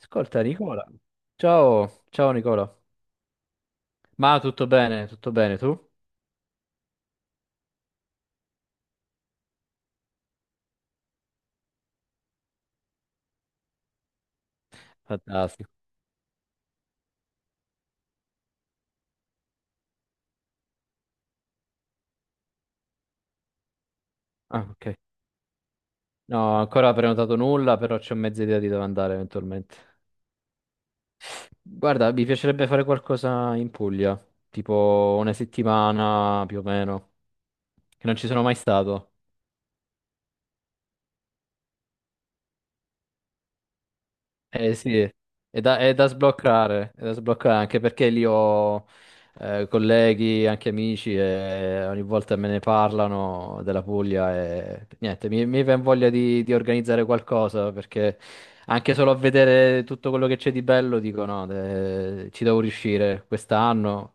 Ascolta Nicola. Ciao, ciao Nicola. Ma tutto bene tu? Fantastico. Ah, ok. No, ancora prenotato nulla, però c'ho mezza idea di dove andare eventualmente. Guarda, mi piacerebbe fare qualcosa in Puglia, tipo una settimana più o meno, che non ci sono mai stato. Eh sì, è da sbloccare anche perché lì ho colleghi, anche amici e ogni volta me ne parlano della Puglia e niente, mi viene voglia di organizzare qualcosa perché anche solo a vedere tutto quello che c'è di bello dico no, ci devo riuscire quest'anno,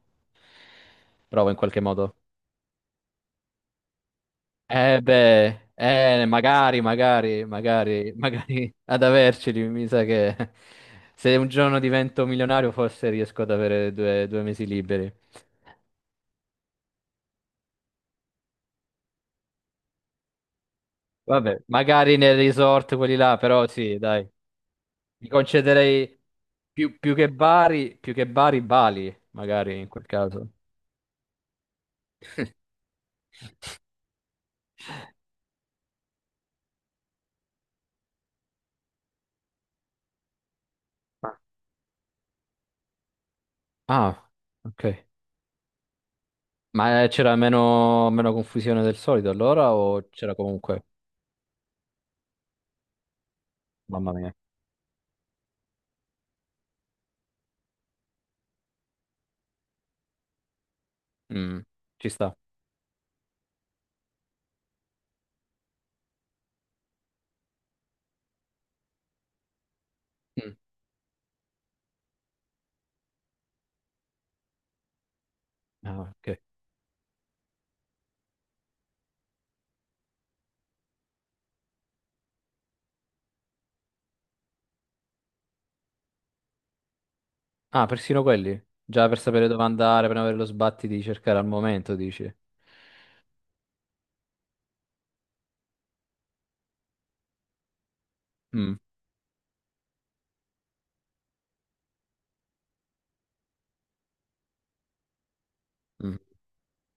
provo in qualche modo. Eh beh, magari, magari, magari, magari ad averceli, mi sa che se un giorno divento milionario forse riesco ad avere due mesi liberi. Vabbè, magari nel resort quelli là, però sì, dai, mi concederei più che Bari, Bali, magari in quel caso. Ah, ok. C'era meno confusione del solito allora o c'era comunque? Mamma mia. Mm, ci sta. Mm. Ah, ok. Ah, persino quelli? Già per sapere dove andare, per non avere lo sbatti di cercare al momento, dici? Mm, mm.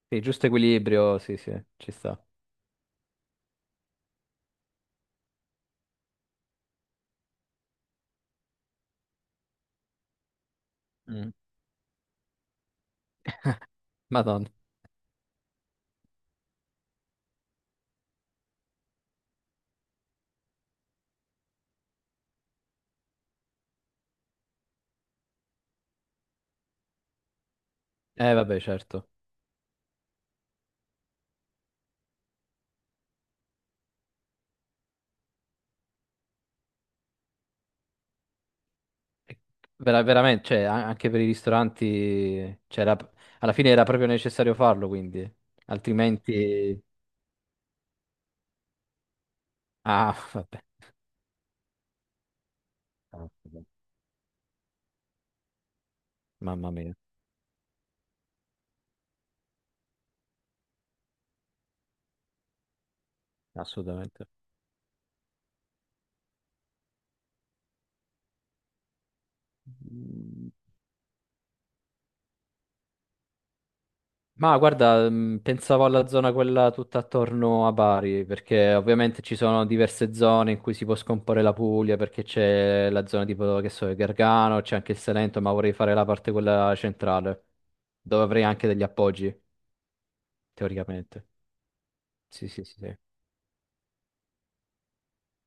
Sì, giusto equilibrio, sì, sì, ci sta. Mm. Madonna. Vabbè, certo. E veramente, cioè, anche per i ristoranti, c'era alla fine era proprio necessario farlo, quindi. Altrimenti... Ah, vabbè, caspita, mamma mia, assolutamente. Ma guarda, pensavo alla zona quella tutta attorno a Bari, perché ovviamente ci sono diverse zone in cui si può scomporre la Puglia, perché c'è la zona tipo, che so, il Gargano, c'è anche il Salento, ma vorrei fare la parte quella centrale, dove avrei anche degli appoggi, teoricamente. Sì, sì, sì, sì.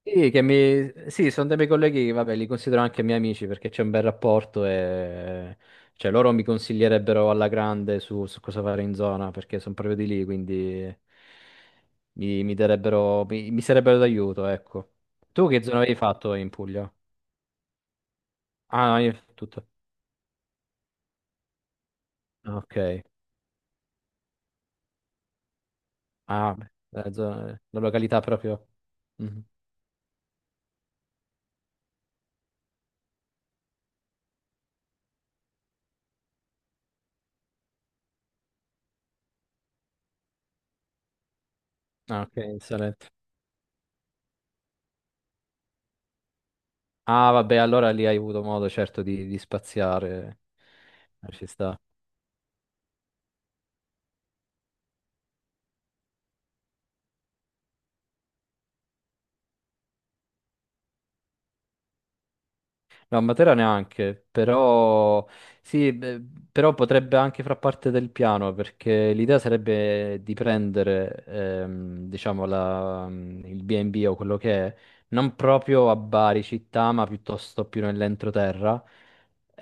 Sì, che mi... sì, sono dei miei colleghi, che, vabbè, li considero anche miei amici perché c'è un bel rapporto e cioè, loro mi consiglierebbero alla grande su cosa fare in zona perché sono proprio di lì, quindi mi darebbero, mi sarebbero d'aiuto, ecco. Tu che zona avevi fatto in Puglia? Ah, no, io tutto. Ah, ok. Ah, beh, la località proprio. Mhm. Ah, ok, in Salento. Ah, vabbè, allora lì hai avuto modo certo di spaziare. Ci sta. No, a Matera neanche, però sì, beh, però potrebbe anche far parte del piano perché l'idea sarebbe di prendere, diciamo, il B&B o quello che è, non proprio a Bari città, ma piuttosto più nell'entroterra,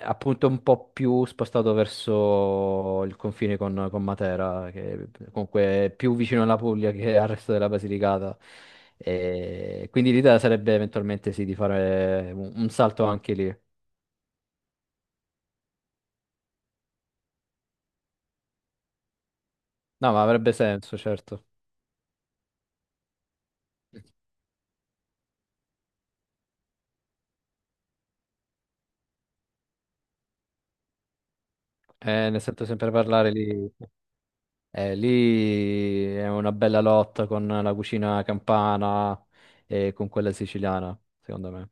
appunto un po' più spostato verso il confine con Matera, che comunque è più vicino alla Puglia che al resto della Basilicata. E quindi l'idea sarebbe eventualmente sì, di fare un salto anche lì. No, ma avrebbe senso, certo. Ne sento sempre parlare lì. Lì è una bella lotta con la cucina campana e con quella siciliana, secondo me.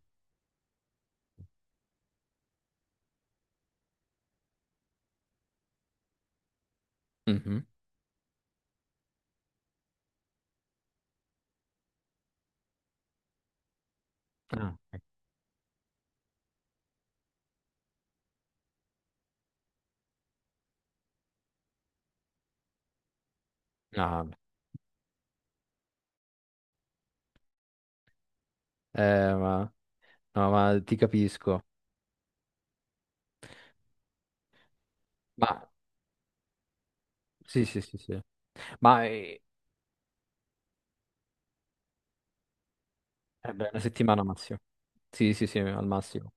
Mhm. Ah, ok. No, vabbè. Ma no, ma ti capisco. Ma sì, sì, sì, sì. Ma eh, eh beh, una settimana massimo. Sì, sì, sì, al massimo.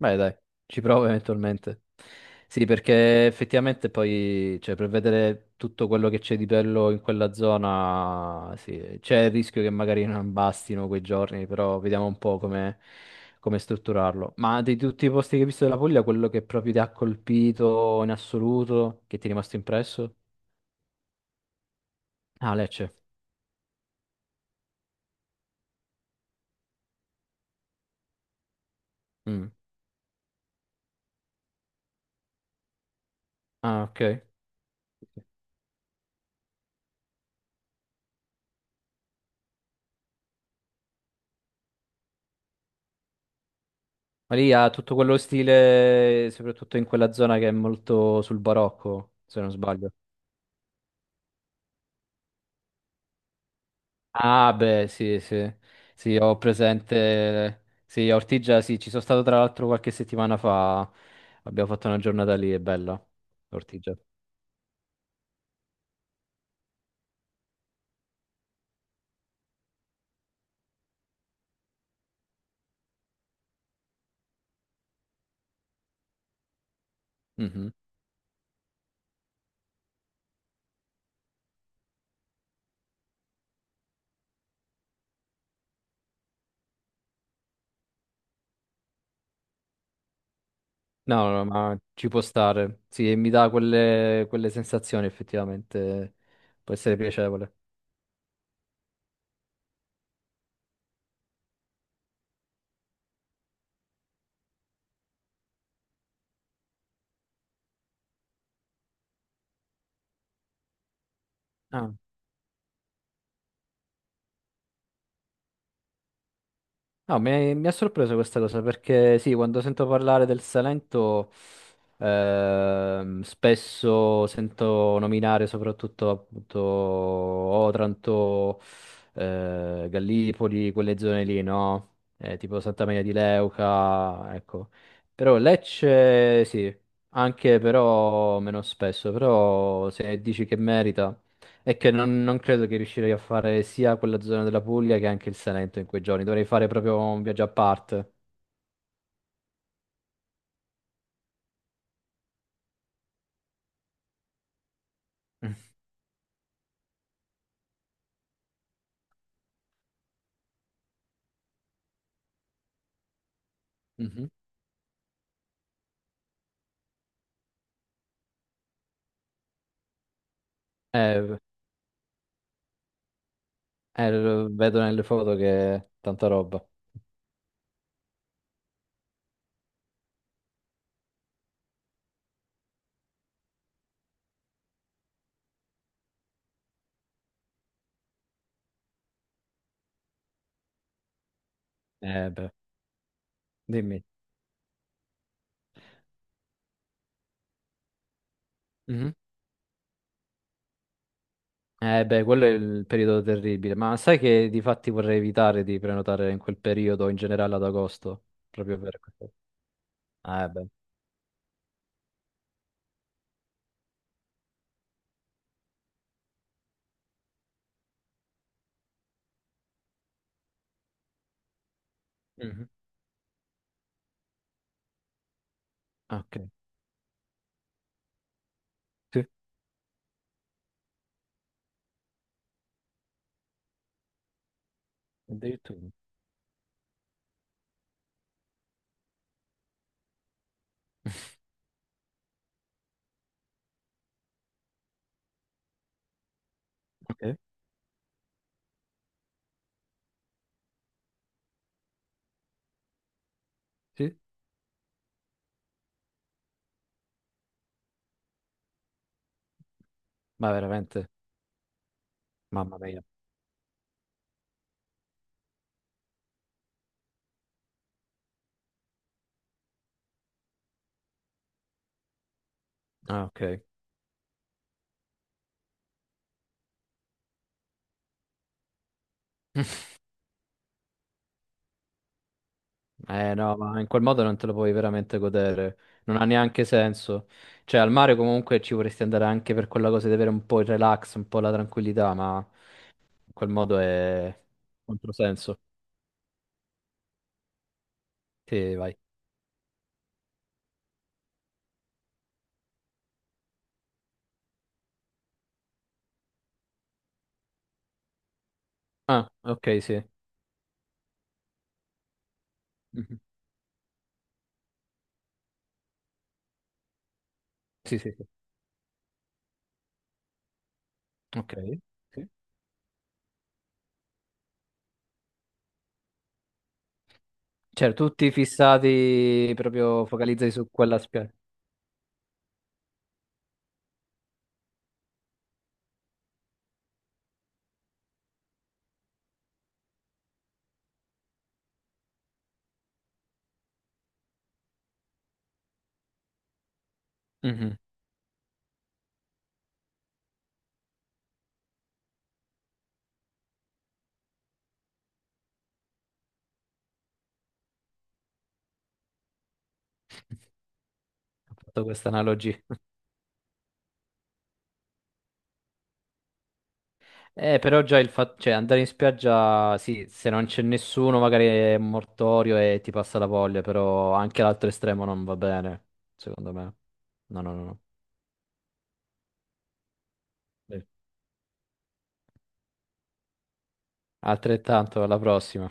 Beh, dai, ci provo eventualmente. Sì, perché effettivamente poi, cioè, per vedere tutto quello che c'è di bello in quella zona, sì, c'è il rischio che magari non bastino quei giorni, però vediamo un po' come, come strutturarlo. Ma di tutti i posti che hai visto della Puglia, quello che proprio ti ha colpito in assoluto, che ti è rimasto impresso? Ah, Lecce. Mm. Ah, ok. Ma lì ha tutto quello stile, soprattutto in quella zona che è molto sul barocco, se non sbaglio. Ah, beh, sì, sì, sì, ho presente. Sì, a Ortigia, sì, ci sono stato tra l'altro qualche settimana fa. Abbiamo fatto una giornata lì, è bella. Ortigia. Mhm. No, no, ma ci può stare. Sì, e mi dà quelle, quelle sensazioni, effettivamente. Può essere piacevole. Ah. No, mi ha sorpreso questa cosa perché sì, quando sento parlare del Salento, spesso sento nominare soprattutto appunto Otranto, Gallipoli, quelle zone lì, no? Tipo Santa Maria di Leuca, ecco. Però Lecce sì, anche però meno spesso, però se dici che merita, è che non, non credo che riuscirei a fare sia quella zona della Puglia che anche il Salento in quei giorni. Dovrei fare proprio un viaggio a parte. Mhm. Eh, lo vedo nelle foto che è tanta roba. Eh beh, dimmi. Mhm. Eh beh, quello è il periodo terribile. Ma sai che di fatti vorrei evitare di prenotare in quel periodo, in generale ad agosto, proprio per questo. Ah, eh beh. Mhm. Ok. Sì, addirittura. Ok. Sì, ma veramente, mamma mia. Ah, ok. Eh no, ma in quel modo non te lo puoi veramente godere, non ha neanche senso. Cioè, al mare comunque ci vorresti andare anche per quella cosa di avere un po' il relax, un po' la tranquillità, ma in quel modo è controsenso. Sì, vai. Ah, ok, sì. Mhm. Sì, sì, sì. Ok. Sì. Cioè, tutti fissati, proprio focalizzati su quella spiaggia. Mhm. Ho fatto questa analogia. Però già il fatto, cioè andare in spiaggia, sì, se non c'è nessuno magari è un mortorio e ti passa la voglia, però anche l'altro estremo non va bene, secondo me. No, no, no, no. Beh, altrettanto, alla prossima.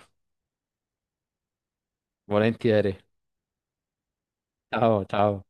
Volentieri. Ciao, ciao.